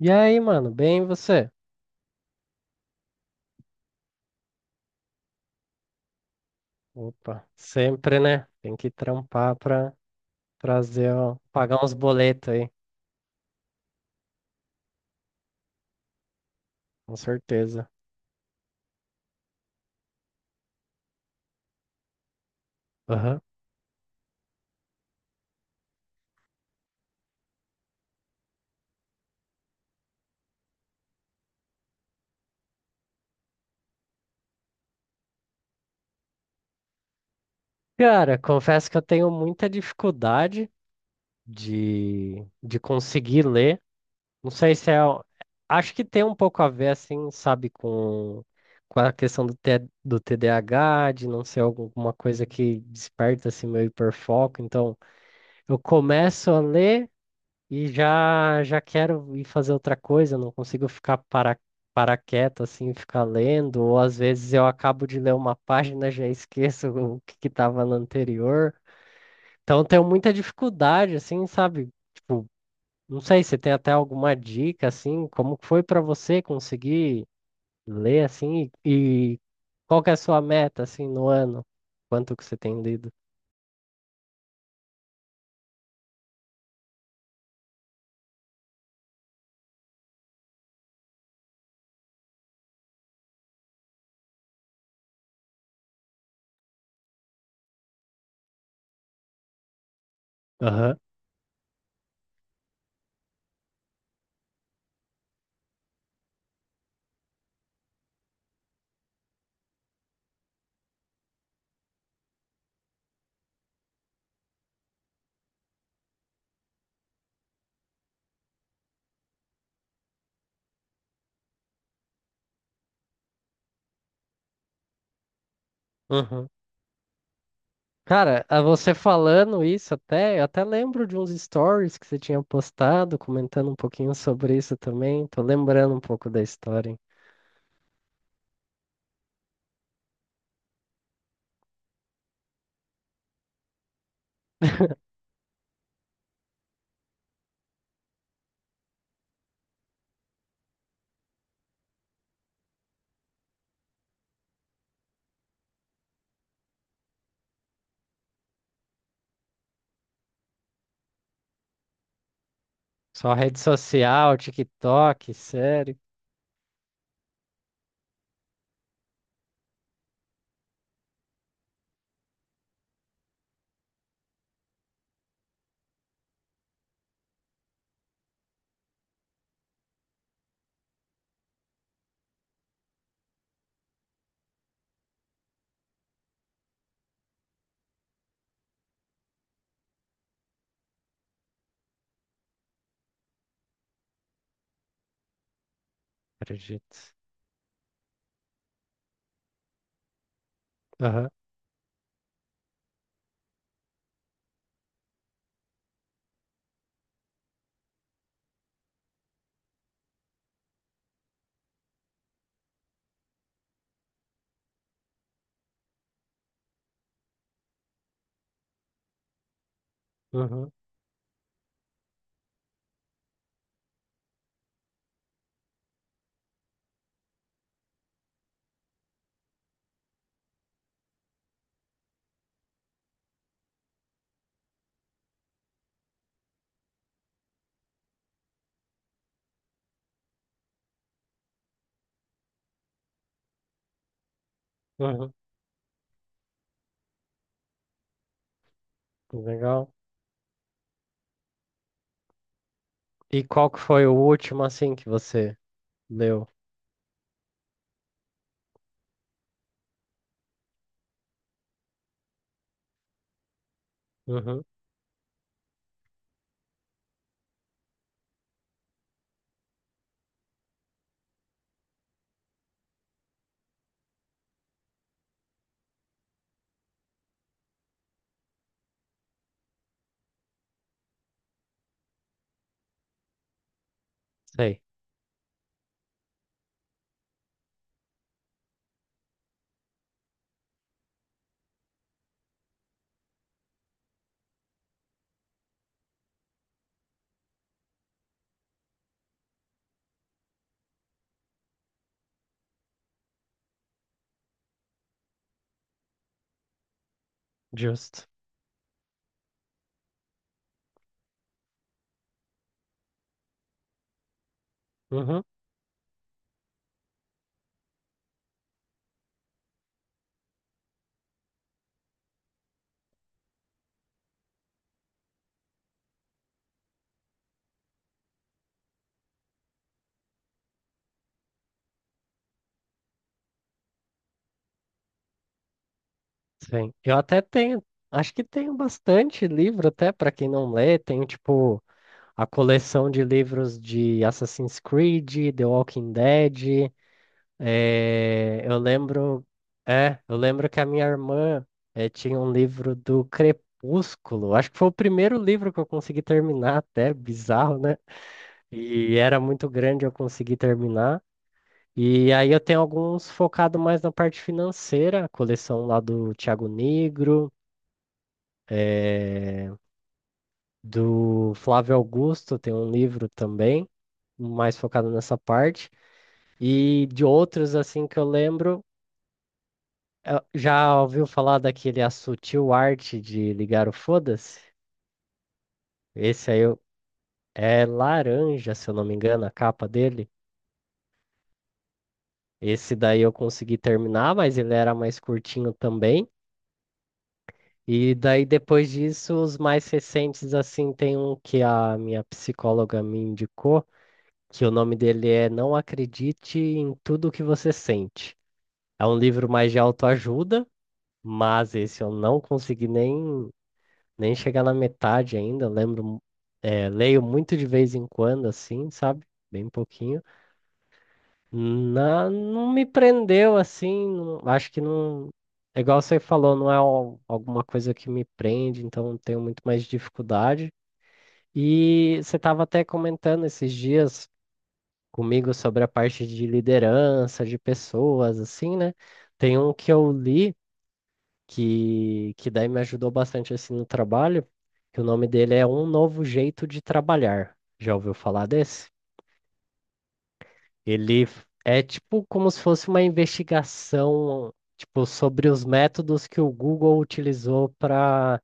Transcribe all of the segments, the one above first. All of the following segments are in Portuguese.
E aí, mano, bem você? Opa, sempre, né? Tem que trampar pra trazer, ó, pagar uns boletos aí, com certeza. Aham. Cara, confesso que eu tenho muita dificuldade de conseguir ler. Não sei se é. O- Acho que tem um pouco a ver, assim, sabe, com a questão do, do TDAH, de não ser alguma coisa que desperta, assim, meu hiperfoco. Então, eu começo a ler. E já já quero ir fazer outra coisa, não consigo ficar para quieto assim, ficar lendo, ou às vezes eu acabo de ler uma página, já esqueço o que que estava no anterior. Então tenho muita dificuldade assim, sabe? Tipo, não sei se tem até alguma dica assim, como que foi para você conseguir ler assim e qual que é a sua meta assim no ano? Quanto que você tem lido? Aham. Cara, a você falando isso até, eu até lembro de uns stories que você tinha postado, comentando um pouquinho sobre isso também. Tô lembrando um pouco da história. Hein? Só rede social, TikTok, sério. Acredito. Aham, uhum, uhum. Legal. E qual que foi o último, assim, que você leu? Uhum, sei. Justo. Uhum, sim. Eu até tenho, acho que tenho bastante livro até para quem não lê. Tenho, tipo, a coleção de livros de Assassin's Creed, The Walking Dead. Eu lembro, é, eu lembro que a minha irmã tinha um livro do Crepúsculo. Acho que foi o primeiro livro que eu consegui terminar, até bizarro, né? E era muito grande, eu consegui terminar. E aí eu tenho alguns focado mais na parte financeira, a coleção lá do Thiago Negro, é, do Flávio Augusto, tem um livro também mais focado nessa parte. E de outros, assim, que eu lembro, já ouviu falar daquele A Sutil Arte de Ligar o Foda-se? Esse aí eu- É laranja, se eu não me engano, a capa dele. Esse daí eu consegui terminar, mas ele era mais curtinho também. E daí depois disso, os mais recentes, assim, tem um que a minha psicóloga me indicou, que o nome dele é Não Acredite em Tudo que Você Sente. É um livro mais de autoajuda. Mas esse eu não consegui nem chegar na metade ainda, eu lembro, é, leio muito de vez em quando, assim, sabe? Bem pouquinho. Não me prendeu, assim, acho que não. É igual você falou, não é alguma coisa que me prende, então tenho muito mais dificuldade. E você estava até comentando esses dias comigo sobre a parte de liderança, de pessoas, assim, né? Tem um que eu li, que daí me ajudou bastante assim no trabalho, que o nome dele é Um Novo Jeito de Trabalhar. Já ouviu falar desse? É tipo como se fosse uma investigação, tipo, sobre os métodos que o Google utilizou para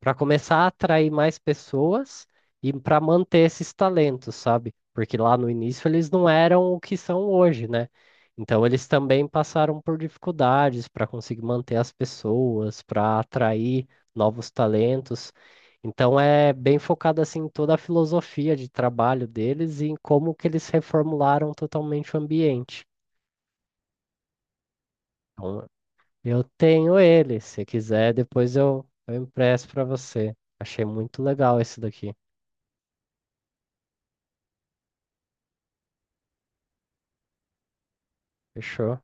para começar a atrair mais pessoas e para manter esses talentos, sabe? Porque lá no início eles não eram o que são hoje, né? Então eles também passaram por dificuldades para conseguir manter as pessoas, para atrair novos talentos. Então é bem focado assim em toda a filosofia de trabalho deles e em como que eles reformularam totalmente o ambiente. Então, eu tenho ele, se quiser, depois eu empresto para você. Achei muito legal esse daqui. Fechou.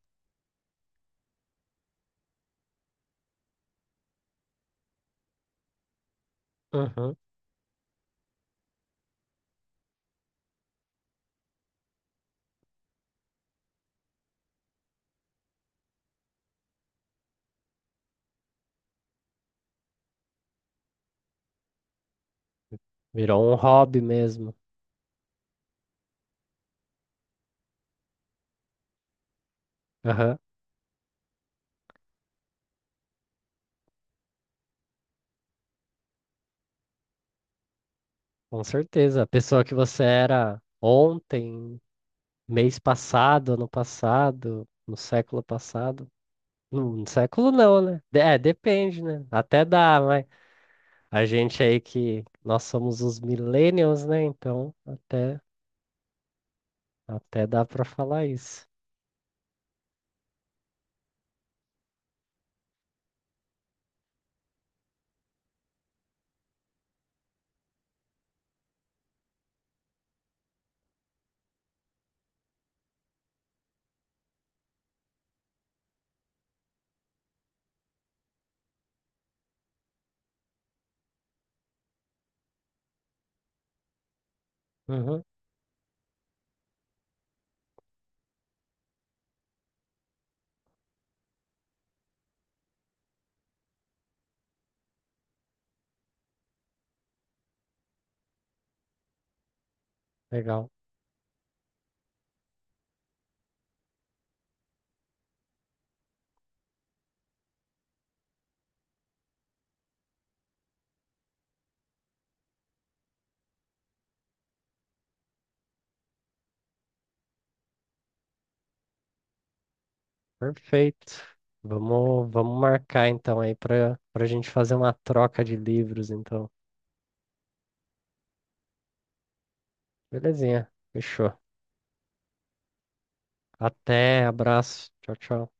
Uhum. Virou um hobby mesmo. Aham. Com certeza. A pessoa que você era ontem, mês passado, ano passado, no século passado. No século não, né? É, depende, né? Até dá, mas a gente aí que nós somos os millennials, né? Até dá pra falar isso. Uhum. Legal. Perfeito. Vamos marcar então aí pra para gente fazer uma troca de livros, então. Belezinha. Fechou. Até, abraço. Tchau, tchau.